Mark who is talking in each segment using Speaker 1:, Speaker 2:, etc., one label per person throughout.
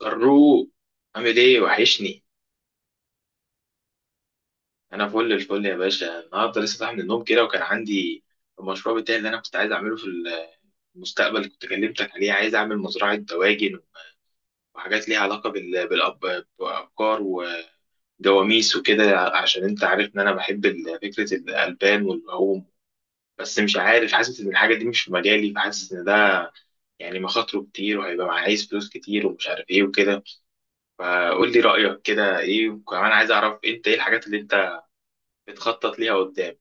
Speaker 1: طروق، عامل ايه؟ وحشني. انا فل الفل يا باشا، النهارده لسه صاحي من النوم كده، وكان عندي المشروع بتاعي اللي انا كنت عايز اعمله في المستقبل اللي كنت كلمتك عليه. عايز اعمل مزرعه دواجن وحاجات ليها علاقه بالابقار وجواميس وكده، عشان انت عارف ان انا بحب فكره الالبان واللحوم. بس مش عارف، حاسس ان الحاجه دي مش في مجالي، فحاسس ان ده يعني مخاطره كتير وهيبقى عايز فلوس كتير ومش عارف ايه وكده. فقول لي رايك كده ايه، وكمان عايز اعرف انت ايه الحاجات اللي انت بتخطط ليها قدام.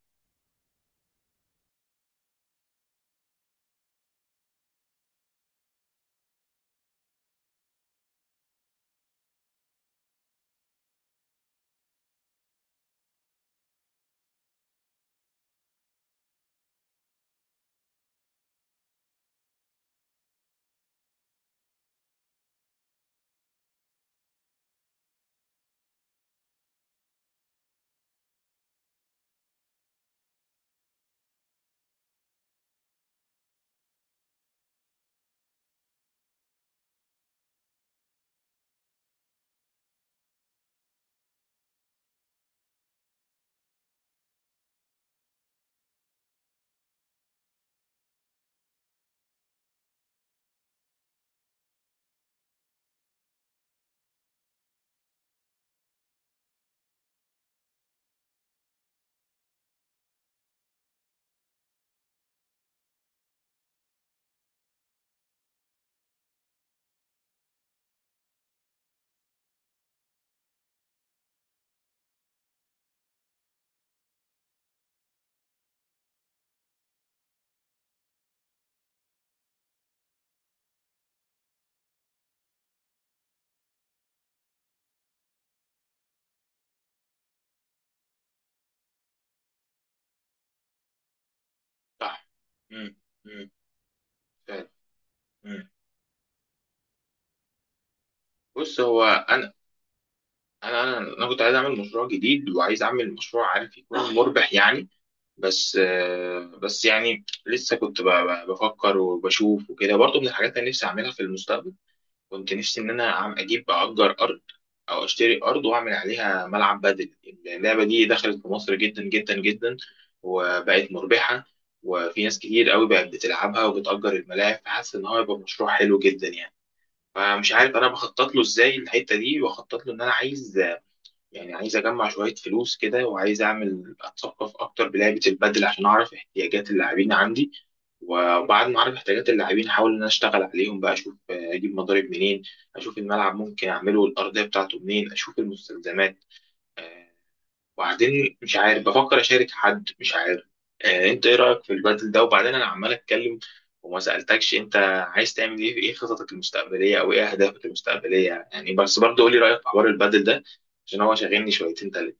Speaker 1: صح. مم. مم. فعلا. مم. بص، هو انا أنا كنت عايز اعمل مشروع جديد، وعايز اعمل مشروع عارف يكون مربح يعني. بس بس يعني لسه كنت بفكر وبشوف وكده، برضه من الحاجات اللي نفسي اعملها في المستقبل. كنت نفسي ان انا عم اجيب اجر ارض او اشتري ارض واعمل عليها ملعب بدل. اللعبه دي دخلت في مصر جدا جدا جدا، وبقت مربحه، وفي ناس كتير قوي بقت بتلعبها وبتأجر الملاعب، فحاسس ان هو يبقى مشروع حلو جدا يعني. فمش عارف انا بخطط له ازاي. الحته دي بخطط له ان انا عايز، يعني عايز اجمع شويه فلوس كده، وعايز اعمل اتثقف اكتر بلعبه البدل عشان اعرف احتياجات اللاعبين عندي، وبعد ما اعرف احتياجات اللاعبين احاول ان انا اشتغل عليهم بقى. اشوف اجيب مضارب منين، اشوف الملعب ممكن اعمله الارضيه بتاعته منين، اشوف المستلزمات. آه، وبعدين مش عارف بفكر اشارك حد، مش عارف. انت ايه رايك في البدل ده؟ وبعدين انا عمال اتكلم وما سالتكش انت عايز تعمل ايه، ايه خططك المستقبليه او ايه اهدافك المستقبليه يعني. بس برضه قولي رايك في حوار البدل ده عشان هو شاغلني شويتين تلاته.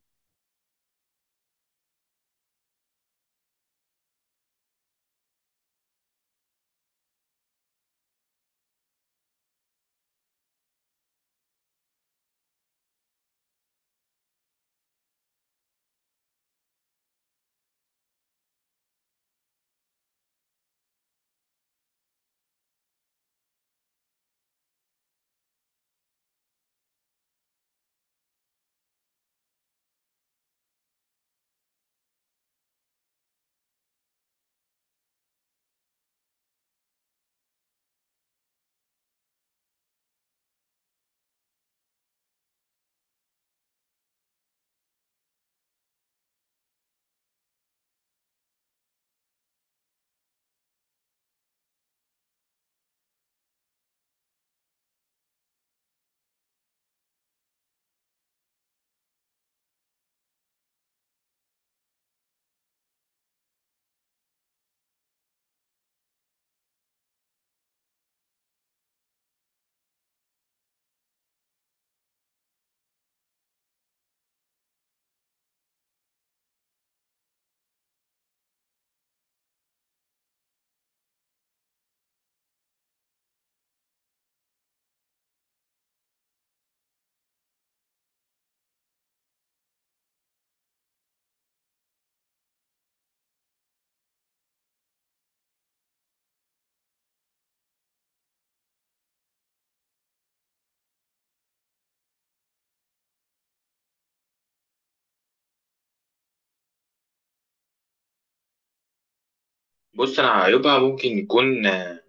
Speaker 1: بص، انا عيوبها ممكن يكون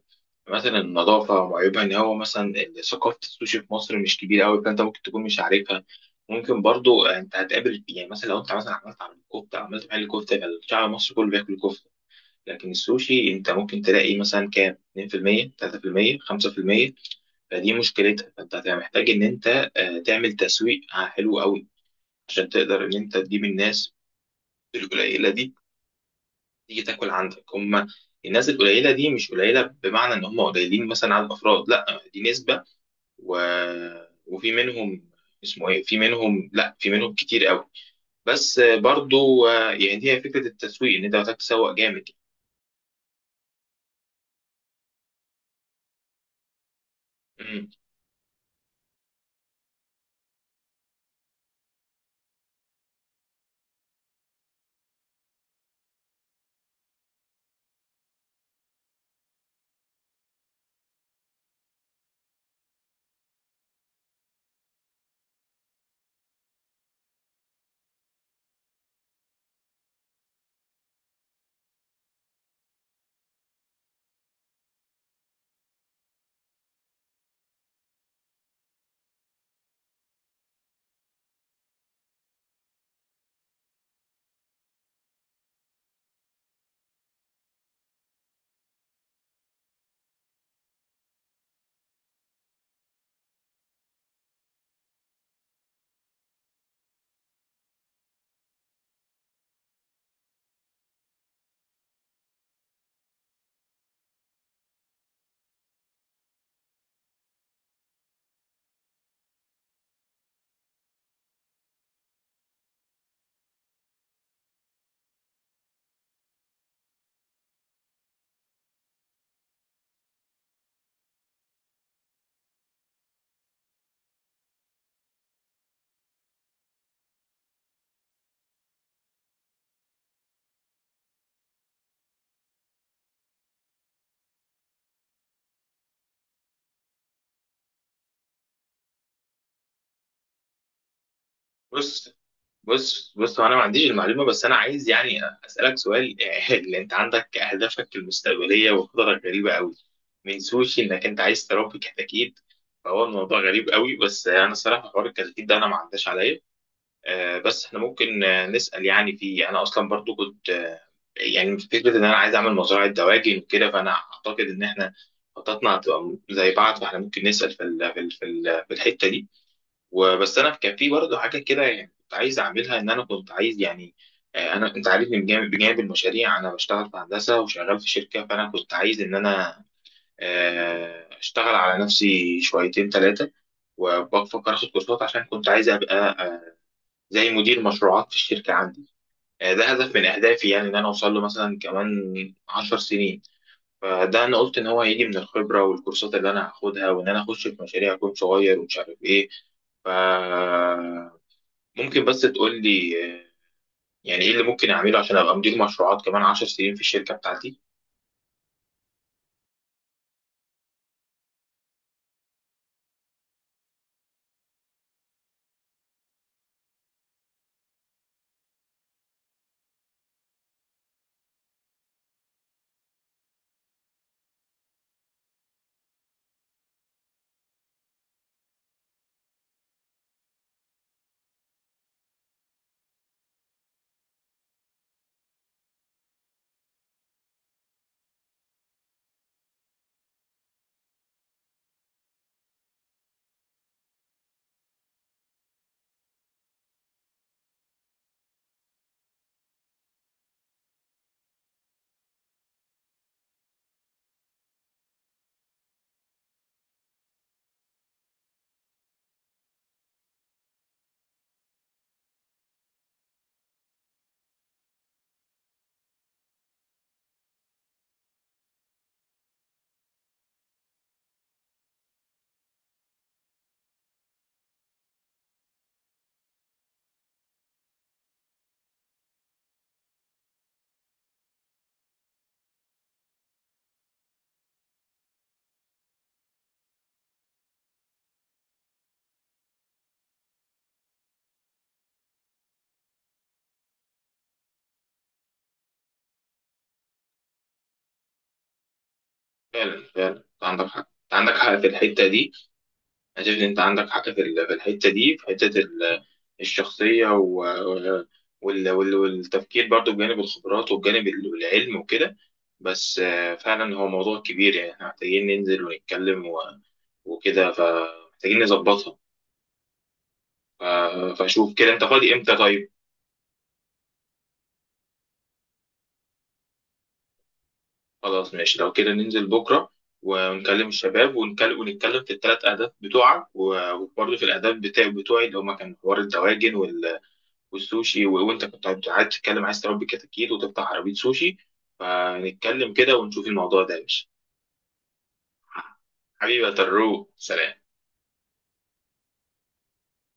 Speaker 1: مثلا النظافة، وعيوبها إن هو مثلا ثقافة السوشي في مصر مش كبيرة أوي فأنت ممكن تكون مش عارفها. ممكن برضو أنت هتقابل، يعني مثلا لو أنت مثلا عملت عمل كفتة، عملت محل كفتة، الشعب المصري كله بياكل كفتة، لكن السوشي أنت ممكن تلاقي مثلا كام 2% 3% 5%. فدي مشكلتها، فأنت هتبقى محتاج إن أنت تعمل تسويق حلو أوي عشان تقدر إن أنت تجيب الناس القليلة دي تيجي تاكل عندك. هما الناس القليلة دي مش قليلة بمعنى إن هم قليلين مثلا على الأفراد، لأ، دي نسبة و... وفي منهم، اسمه ايه، في منهم، لا في منهم كتير قوي. بس برضو يعني هي فكره التسويق ان انت محتاج تسوق جامد. مم. بص بص هو انا ما عنديش المعلومه، بس انا عايز يعني اسالك سؤال. اللي انت عندك اهدافك المستقبليه وخططك غريبه قوي، من سوشي انك انت عايز تربي كتاكيت، فهو الموضوع غريب قوي. بس انا الصراحه حوار الكتاكيت ده انا ما عداش عليا. بس احنا ممكن نسأل يعني. في، انا اصلا برضو كنت يعني فكرة ان انا عايز اعمل مزرعة دواجن وكده، فانا اعتقد ان احنا خططنا هتبقى زي بعض، فاحنا ممكن نسأل في الحتة دي. وبس انا كان في برضو حاجة كده يعني كنت عايز اعملها. ان انا كنت عايز يعني انا، انت عارفني، بجانب المشاريع انا بشتغل في هندسة وشغال في شركة، فانا كنت عايز ان انا اشتغل على نفسي شويتين ثلاثة وبفكر اخد كورسات، عشان كنت عايز ابقى زي مدير مشروعات في الشركة عندي. ده هدف من أهدافي يعني، إن أنا أوصل له مثلا كمان 10 سنين. فده أنا قلت إن هو هيجي من الخبرة والكورسات اللي أنا هاخدها، وإن أنا أخش في مشاريع أكون صغير ومش عارف إيه. فممكن بس تقول لي يعني إيه اللي ممكن أعمله عشان أبقى مدير مشروعات كمان 10 سنين في الشركة بتاعتي؟ فعلا فعلا، أنت عندك حق، أنت عندك حق في الحتة دي. أنا شايف إن أنت عندك حق في الحتة دي، في حتة ال الشخصية والتفكير، برضو بجانب الخبرات وبجانب العلم وكده. بس فعلا هو موضوع كبير يعني، احنا محتاجين ننزل ونتكلم وكده، فمحتاجين نظبطها. ف... فشوف كده انت فاضي امتى طيب. خلاص ماشي، لو كده ننزل بكرة ونكلم الشباب، ونكلم ونتكلم في ال3 أهداف بتوعك، وبرضه في الأهداف بتوعي، اللي هما كان حوار الدواجن والسوشي، وانت كنت قاعد تتكلم عايز تربي كتاكيت وتفتح عربيه سوشي. فنتكلم كده ونشوف الموضوع ده يا باشا. حبيبي يا طروق، سلام.